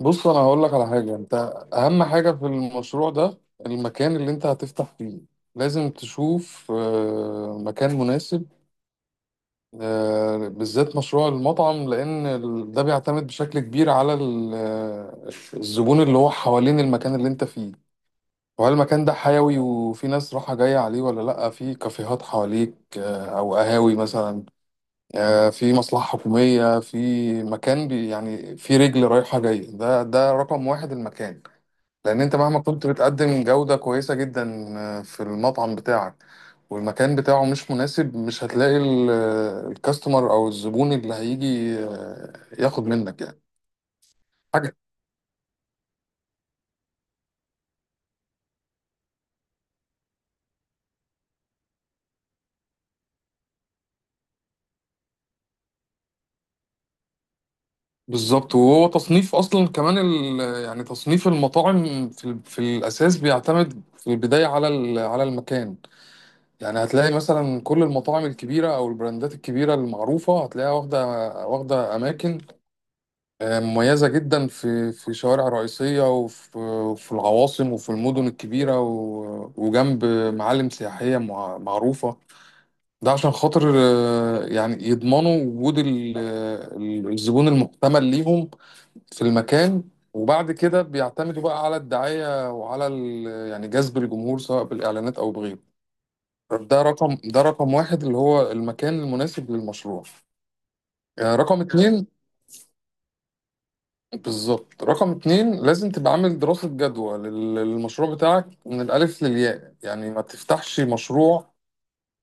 بص، انا هقول لك على حاجه. انت اهم حاجه في المشروع ده المكان اللي انت هتفتح فيه. لازم تشوف مكان مناسب. بالذات مشروع المطعم، لان ده بيعتمد بشكل كبير على الزبون اللي هو حوالين المكان اللي انت فيه، وهل المكان ده حيوي وفي ناس راحة جاية عليه ولا لأ، في كافيهات حواليك أو قهاوي مثلا، في مصلحة حكومية، في مكان يعني في رجل رايحة جاية. ده رقم واحد، المكان. لان انت مهما كنت بتقدم جودة كويسة جدا في المطعم بتاعك، والمكان بتاعه مش مناسب، مش هتلاقي الكاستمر او الزبون اللي هيجي ياخد منك يعني حاجة. بالظبط، وهو تصنيف اصلا كمان ال... آه، يعني تصنيف المطاعم في الاساس بيعتمد في البداية على على المكان. يعني هتلاقي مثلا كل المطاعم الكبيرة او البراندات الكبيرة المعروفة هتلاقيها واخدة اماكن مميزة جدا في شوارع رئيسية، وفي العواصم، وفي المدن الكبيرة، و- وجنب معالم سياحية معروفة. ده عشان خاطر يعني يضمنوا وجود الزبون المحتمل ليهم في المكان. وبعد كده بيعتمدوا بقى على الدعاية وعلى يعني جذب الجمهور، سواء بالإعلانات أو بغيره. ده رقم واحد، اللي هو المكان المناسب للمشروع. رقم اتنين. بالظبط، رقم اتنين لازم تبقى عامل دراسة جدوى للمشروع بتاعك من الألف للياء. يعني ما تفتحش مشروع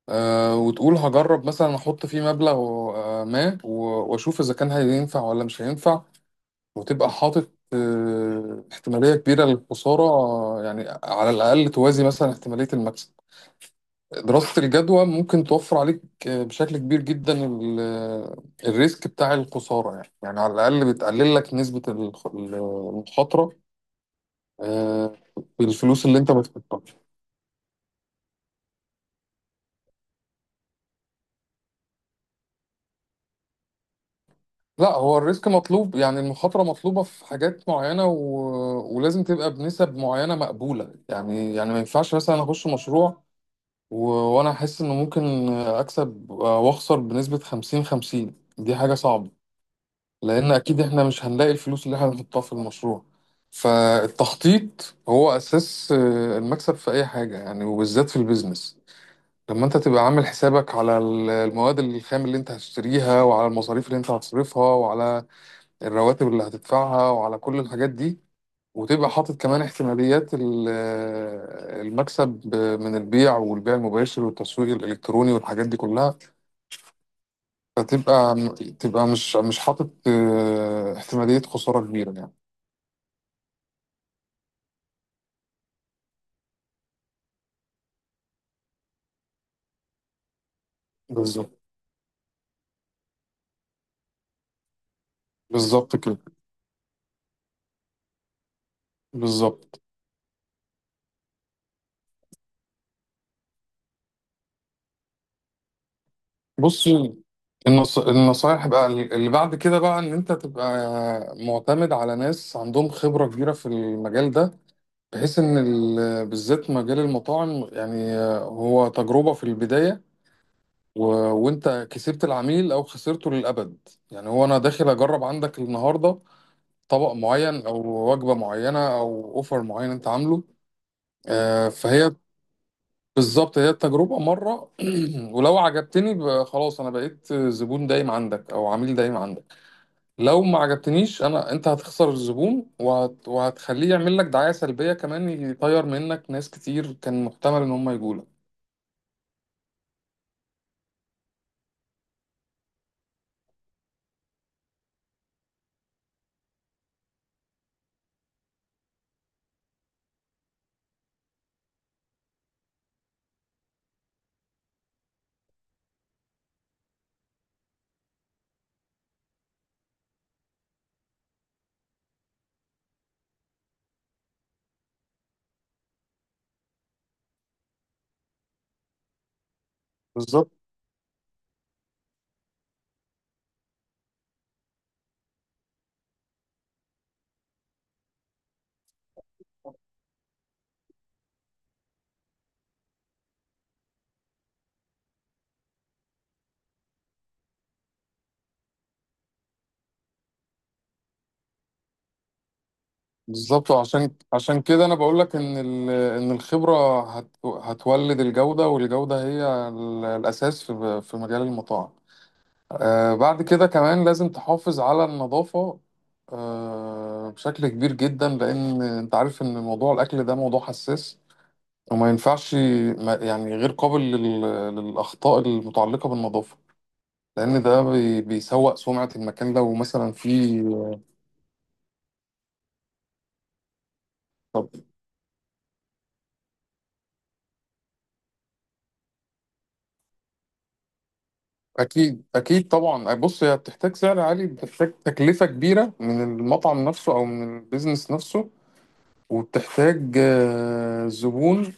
وتقول هجرب مثلا أحط فيه مبلغ آه، ما و- وأشوف إذا كان هينفع ولا مش هينفع، وتبقى حاطط احتمالية كبيرة للخسارة، يعني على الأقل توازي مثلا احتمالية المكسب. دراسة الجدوى ممكن توفر عليك بشكل كبير جدا الريسك بتاع الخسارة. يعني على الأقل بتقلل لك نسبة المخاطرة آه، بالفلوس اللي انت بتحطها. لا، هو الريسك مطلوب، يعني المخاطرة مطلوبة في حاجات معينة، و... ولازم تبقى بنسب معينة مقبولة. يعني ما ينفعش مثلا اخش مشروع و... وانا احس انه ممكن اكسب واخسر بنسبة 50 50، دي حاجة صعبة، لان اكيد احنا مش هنلاقي الفلوس اللي احنا هنحطها في المشروع. فالتخطيط هو اساس المكسب في اي حاجة يعني، وبالذات في البيزنس. طب ما انت تبقى عامل حسابك على المواد الخام اللي انت هتشتريها، وعلى المصاريف اللي انت هتصرفها، وعلى الرواتب اللي هتدفعها، وعلى كل الحاجات دي. وتبقى حاطط كمان احتماليات المكسب من البيع، والبيع المباشر، والتسويق الالكتروني، والحاجات دي كلها. فتبقى تبقى مش حاطط احتمالية خسارة كبيرة يعني. بالظبط. بالظبط كده. بالظبط. بص، النصايح بقى اللي بعد كده بقى، ان انت تبقى معتمد على ناس عندهم خبرة كبيرة في المجال ده، بحيث ان بالذات مجال المطاعم يعني، هو تجربة في البداية، و... وانت كسبت العميل او خسرته للابد. يعني هو انا داخل اجرب عندك النهاردة طبق معين او وجبة معينة او اوفر معين انت عامله. فهي بالظبط، هي التجربة مرة ولو عجبتني خلاص أنا بقيت زبون دايم عندك أو عميل دايم عندك. لو ما عجبتنيش أنا، أنت هتخسر الزبون وهت... وهتخليه يعمل لك دعاية سلبية كمان، يطير منك ناس كتير كان محتمل إن هم يجولك. بالظبط. بالظبط، عشان كده أنا بقول لك إن إن الخبرة هتولد الجودة، والجودة هي الأساس في مجال المطاعم. آه، بعد كده كمان لازم تحافظ على النظافة آه، بشكل كبير جدا، لأن أنت عارف إن موضوع الأكل ده موضوع حساس، وما ينفعش، ما يعني، غير قابل للأخطاء المتعلقة بالنظافة، لأن ده بيسوء سمعة المكان لو مثلا فيه. طب أكيد، أكيد طبعا. بص، هي بتحتاج سعر عالي، بتحتاج تكلفة كبيرة من المطعم نفسه أو من البيزنس نفسه، وبتحتاج زبون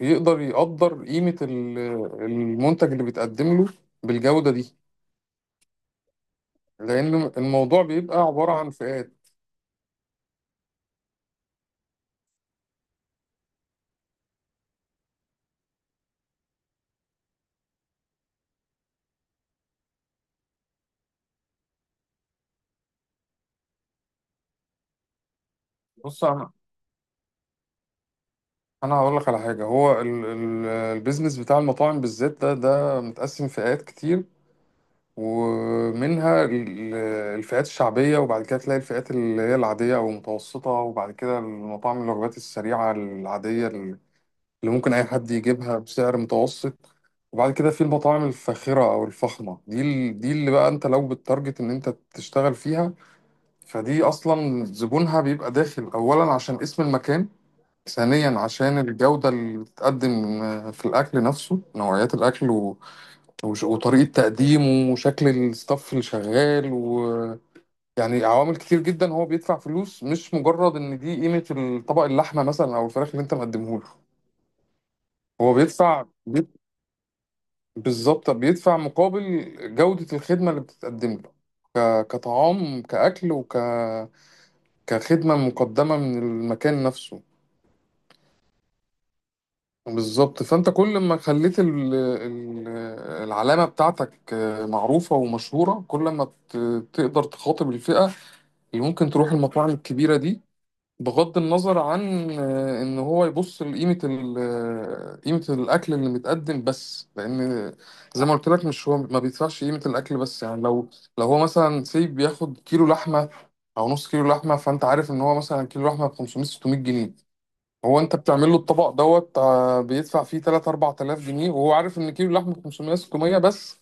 يقدر قيمة المنتج اللي بيتقدم له بالجودة دي، لأن الموضوع بيبقى عبارة عن فئات. بص، أنا هقول لك على حاجة. هو البيزنس بتاع المطاعم بالذات ده متقسم فئات كتير، ومنها الفئات الشعبية، وبعد كده تلاقي الفئات اللي هي العادية أو المتوسطة، وبعد كده المطاعم الوجبات السريعة العادية اللي ممكن أي حد يجيبها بسعر متوسط، وبعد كده في المطاعم الفاخرة أو الفخمة. دي دي اللي بقى أنت لو بالتارجت إن أنت تشتغل فيها، فدي أصلا زبونها بيبقى داخل أولا عشان اسم المكان، ثانيا عشان الجودة اللي بتتقدم في الأكل نفسه، نوعيات الأكل و... وش- وطريقة تقديمه، وشكل الستاف اللي شغال يعني عوامل كتير جدا. هو بيدفع فلوس مش مجرد إن دي قيمة الطبق، اللحمة مثلا أو الفراخ اللي أنت مقدمه له. هو بيدفع. بالظبط، بيدفع مقابل جودة الخدمة اللي بتتقدم له، كطعام، كأكل، وك كخدمة مقدمة من المكان نفسه. بالظبط، فأنت كل ما خليت العلامة بتاعتك معروفة ومشهورة، كل ما ت... تقدر تخاطب الفئة اللي ممكن تروح المطاعم الكبيرة دي، بغض النظر عن ان هو يبص لقيمه قيمه الاكل اللي متقدم، بس لان زي ما قلت لك، مش هو ما بيدفعش قيمه الاكل بس. يعني لو هو مثلا سيب بياخد كيلو لحمه او نص كيلو لحمه، فانت عارف ان هو مثلا كيلو لحمه ب 500 600 جنيه، هو انت بتعمل له الطبق دوت بيدفع فيه 3 4000 جنيه، وهو عارف ان كيلو لحمه ب 500 600 بس.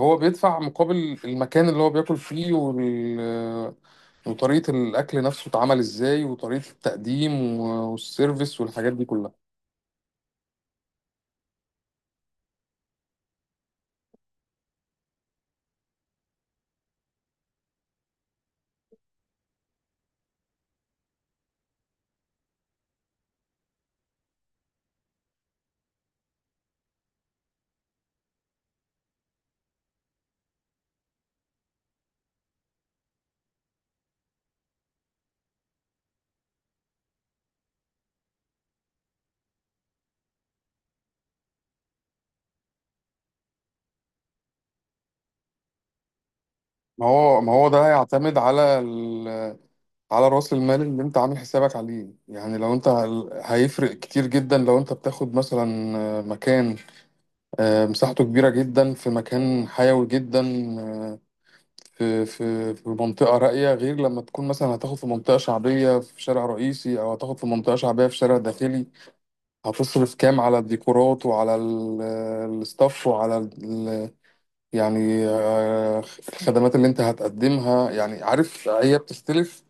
هو بيدفع مقابل المكان اللي هو بياكل فيه، وال... وطريقة الأكل نفسه اتعمل إزاي، وطريقة التقديم، و- والسيرفيس، والحاجات دي كلها. ما هو ده هيعتمد على على رأس المال اللي أنت عامل حسابك عليه. يعني لو أنت هيفرق كتير جدا لو أنت بتاخد مثلا مكان مساحته كبيرة جدا في مكان حيوي جدا آه، في منطقة راقية، غير لما تكون مثلا هتاخد في منطقة شعبية في شارع رئيسي، أو هتاخد في منطقة شعبية في شارع داخلي. هتصرف كام على الديكورات، وعلى الستاف، وعلى يعني آه، الخدمات اللي انت هتقدمها. يعني عارف، هي بتختلف.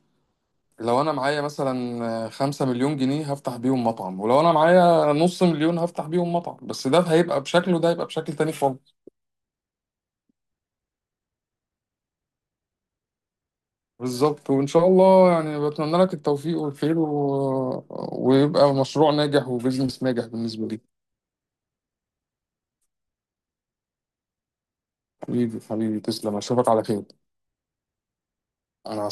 لو انا معايا مثلا 5 مليون جنيه هفتح بيهم مطعم، ولو انا معايا نص مليون هفتح بيهم مطعم بس، ده هيبقى بشكل وده هيبقى بشكل تاني خالص. بالظبط. وان شاء الله يعني، بتمنى لك التوفيق والخير، و... ويبقى مشروع ناجح وبزنس ناجح بالنسبة لي. حبيبي، تسلم، اشوفك على خير. انا